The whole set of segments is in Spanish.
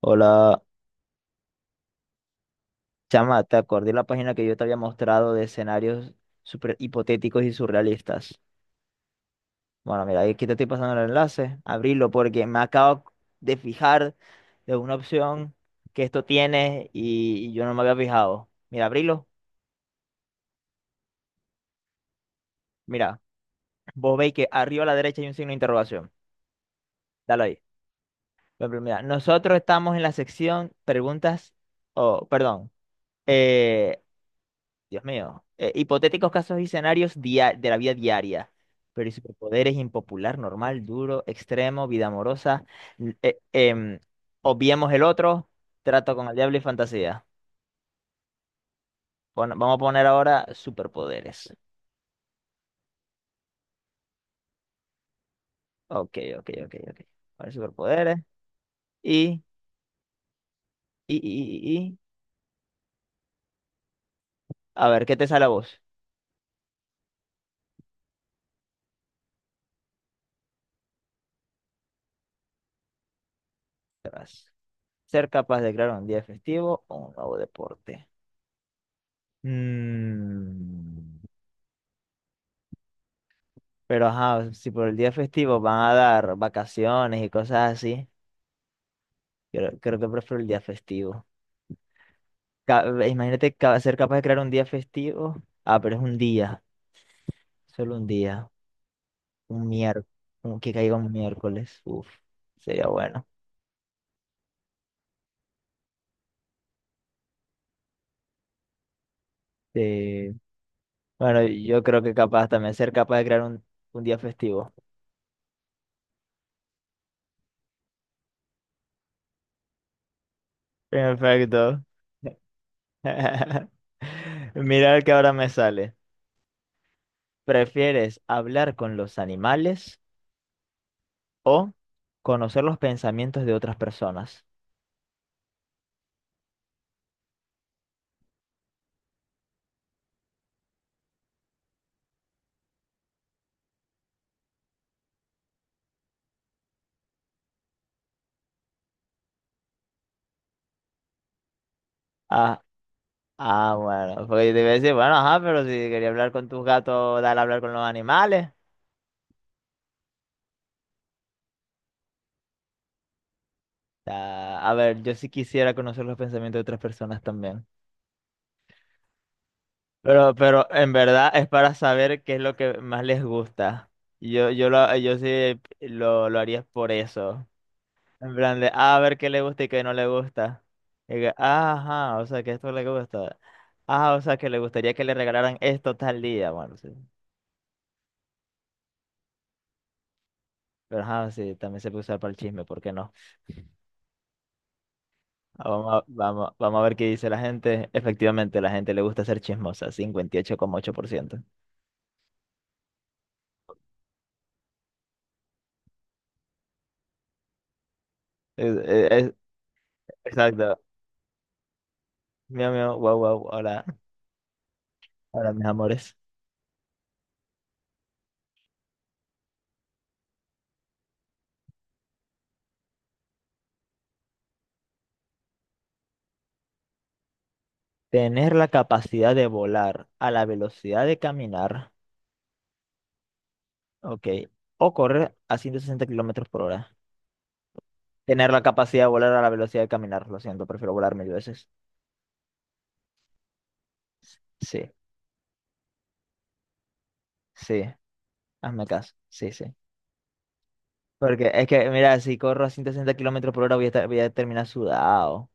Hola, chama, te acordé la página que yo te había mostrado de escenarios super hipotéticos y surrealistas. Bueno, mira, aquí te estoy pasando el enlace, abrilo porque me acabo de fijar de una opción que esto tiene y yo no me había fijado. Mira, abrilo, mira, vos veis que arriba a la derecha hay un signo de interrogación. Dale ahí. Por ejemplo, mira, nosotros estamos en la sección preguntas, o perdón, eh, Dios mío. Hipotéticos casos y escenarios de la vida diaria. Pero y superpoderes impopular, normal, duro, extremo, vida amorosa. l- eh, em, Obviemos el otro, trato con el diablo y fantasía. Vamos a poner ahora superpoderes. Ok, ok, ok, ok. A superpoderes. Y, y, y, y, y- A ver, ¿qué te sale a vos? Verás. Ser capaz de crear un día festivo o un nuevo deporte. Mm. Pero ajá, si por el día festivo van a dar vacaciones y cosas así, creo que prefiero el día festivo. Imagínate ser capaz de crear un día festivo. Ah, pero es un día, solo un día, un miércoles, que caiga un miércoles. Uf, sería bueno. Sí. Bueno, yo creo que capaz también ser capaz de crear un día festivo. Perfecto. Mira el que ahora me sale. ¿Prefieres hablar con los animales, o conocer los pensamientos de otras personas? Ah, ah, bueno, porque yo te iba a decir, bueno, ajá, pero si quería hablar con tus gatos, dale a hablar con los animales. Ah, a ver, yo sí quisiera conocer los pensamientos de otras personas también. Pero en verdad es para saber qué es lo que más les gusta. Yo sí lo haría por eso. En plan de, a ver qué le gusta y qué no le gusta. Y que, ajá, o sea, que esto le gusta. Ah, o sea, que le gustaría que le regalaran esto tal día. Bueno, sí. Pero ajá, sí, también se puede usar para el chisme, ¿por qué no? Ah, vamos a ver qué dice la gente. Efectivamente, la gente le gusta ser chismosa, 58,8%. Es- es- e, es- exacto. Miau, miau, guau, guau, hola, hola, mis amores. Tener la capacidad de volar a la velocidad de caminar, ok, o correr a 160 kilómetros por hora. Tener la capacidad de volar a la velocidad de caminar, lo siento, prefiero volar mil veces. Sí, sí, hazme caso, sí, sí. Porque es que, mira, si corro a 160 kilómetros por hora voy a terminar sudado.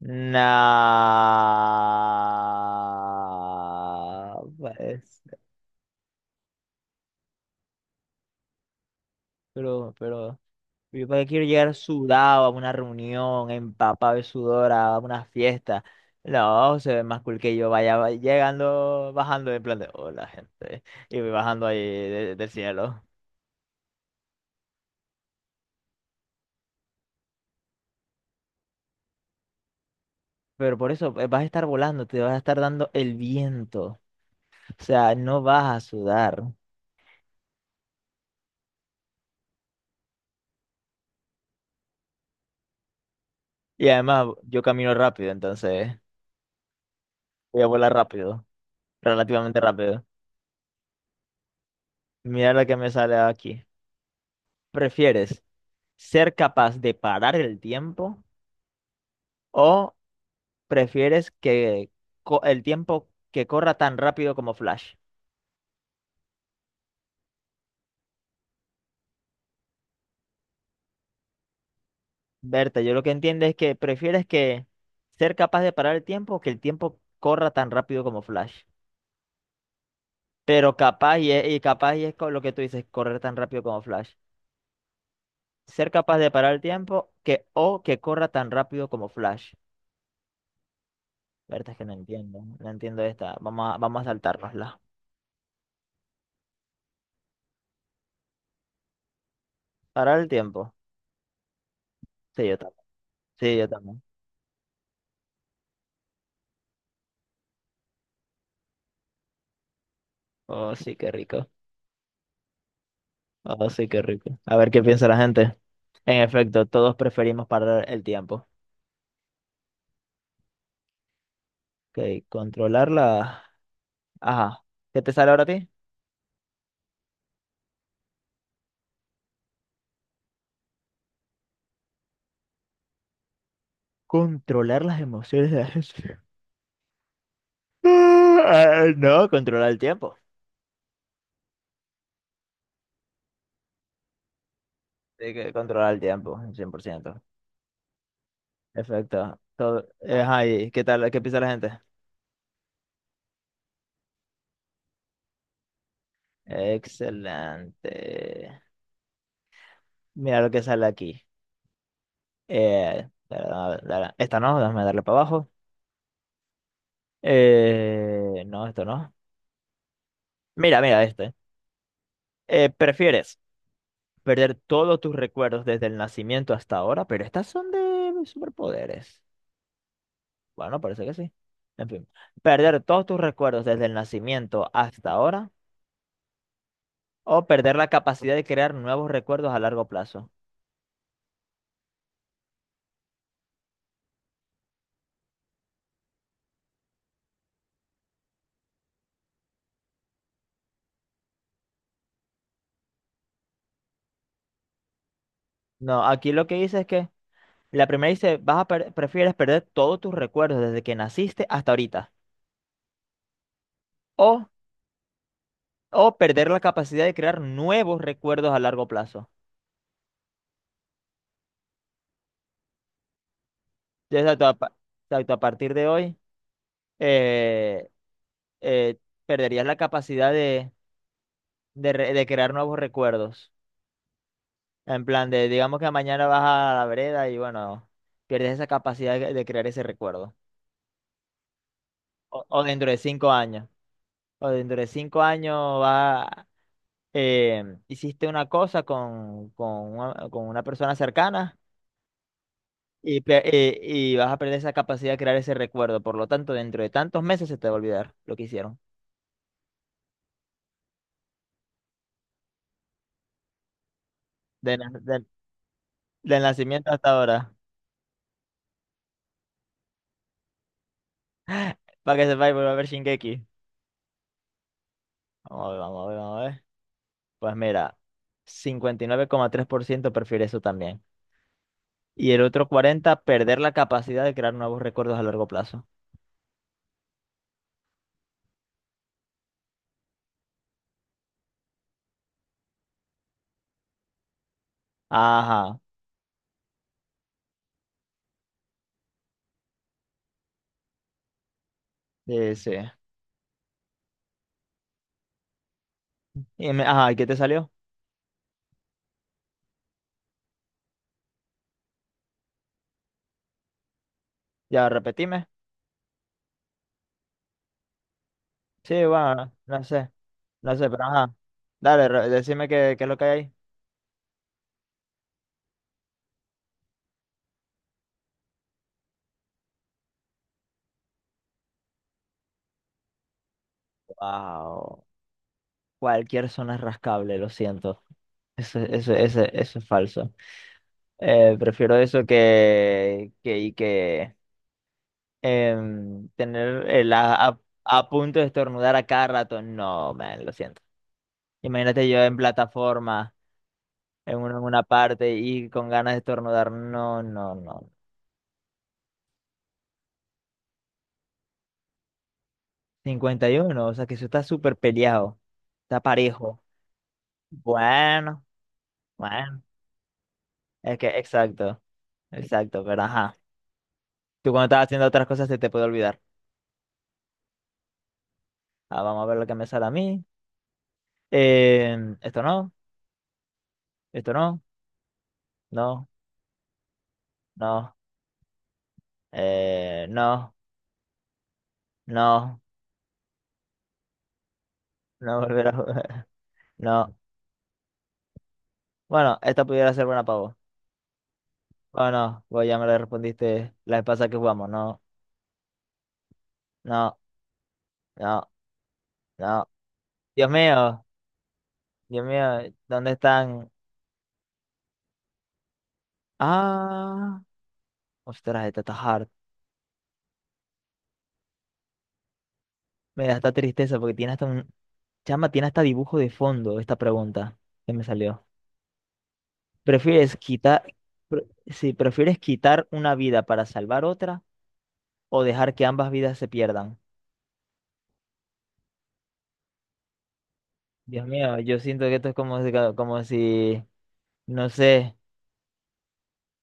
No, pues, pero, pero, yo para qué quiero llegar sudado a una reunión, empapado de sudor, a una fiesta. No, se ve más cool que yo llegando, bajando en plan de hola, gente, y voy bajando ahí del cielo. Pero por eso vas a estar volando, te vas a estar dando el viento, o sea, no vas a sudar. Y además, yo camino rápido, entonces voy a volar rápido, relativamente rápido. Mira la que me sale aquí. ¿Prefieres ser capaz de parar el tiempo, o prefieres que el tiempo que corra tan rápido como Flash? Berta, yo lo que entiendo es que prefieres que ser capaz de parar el tiempo o que el tiempo corra tan rápido como Flash. Pero capaz y, y capaz y es con lo que tú dices, correr tan rápido como Flash. Ser capaz de parar el tiempo que o que corra tan rápido como Flash. La verdad es que no entiendo. No entiendo esta. Vamos a saltárnosla. Parar el tiempo. Sí, yo también. Sí, yo también. Oh, sí, qué rico. Oh, sí, qué rico. A ver qué piensa la gente. En efecto, todos preferimos parar el tiempo. Ok, controlar la. Ajá. ¿Qué te sale ahora a ti? Controlar las emociones de la gente. Ah, no, controlar el tiempo. Sí, que controlar el tiempo, 100%. Perfecto. Todo. Ajá, ¿y qué tal? ¿Qué piensa la gente? Excelente. Mira lo que sale aquí. Esta no, déjame darle para abajo. No, esto no. Mira, mira este. ¿Prefieres perder todos tus recuerdos desde el nacimiento hasta ahora? Pero estas son de superpoderes. Bueno, parece que sí. En fin. ¿Perder todos tus recuerdos desde el nacimiento hasta ahora? ¿O perder la capacidad de crear nuevos recuerdos a largo plazo? No, aquí lo que dice es que la primera dice, prefieres perder todos tus recuerdos desde que naciste hasta ahorita. O o perder la capacidad de crear nuevos recuerdos a largo plazo. Exacto, a partir de hoy eh, eh, perderías la capacidad de crear nuevos recuerdos. En plan de, digamos que mañana vas a la vereda y bueno, pierdes esa capacidad de crear ese recuerdo. O dentro de 5 años. O dentro de cinco años va, hiciste una cosa con una persona cercana. Y vas a perder esa capacidad de crear ese recuerdo. Por lo tanto, dentro de tantos meses se te va a olvidar lo que hicieron. De na- de- Del nacimiento hasta ahora. Para que sepáis, volver a ver Shingeki. Vamos a ver, vamos a ver, vamos a ver. Pues mira, 59,3% prefiere eso también. Y el otro 40, perder la capacidad de crear nuevos recuerdos a largo plazo. Ajá, sí, sí. Ajá, ¿y qué te salió? Ya, repetime. Sí, bueno, no sé, pero ajá. Dale, decime qué, es lo que hay ahí. Wow. Cualquier zona es rascable, lo siento. Eso es falso. Prefiero eso que tener a punto de estornudar a cada rato. No, man, lo siento. Imagínate yo en plataforma, en una parte y con ganas de estornudar. No, no, no. Cincuenta y uno, o sea que eso está súper peleado. Está parejo. Bueno, bueno. Es que, exacto, exacto, pero ajá. Tú cuando estás haciendo otras cosas se te puede olvidar. Ah, vamos a ver lo que me sale a mí. Eh, Esto no, esto no, no, no, no, no, no volver a jugar. No. Bueno, esta pudiera ser buena para vos. Oh, no, vos ya me la respondiste la vez pasada que jugamos. No, no, no, no. Dios mío, Dios mío, ¿dónde están? Ah, ostras, esta está hard. Me da esta tristeza porque tiene hasta un. Chama, tiene hasta dibujo de fondo esta pregunta que me salió. ¿Prefieres quitar, si prefieres quitar una vida para salvar otra o dejar que ambas vidas se pierdan? Dios mío, yo siento que esto es como, como si, no sé,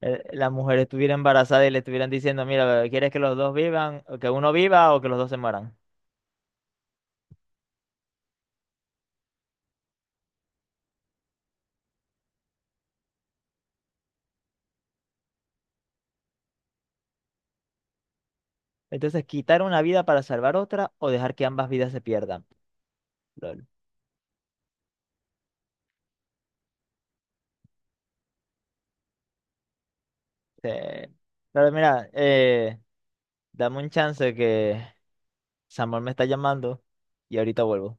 la mujer estuviera embarazada y le estuvieran diciendo, mira, ¿quieres que los dos vivan, o que uno viva o que los dos se mueran? Entonces, quitar una vida para salvar otra o dejar que ambas vidas se pierdan. Lol. Eh, pero mira, dame un chance que Samuel me está llamando y ahorita vuelvo.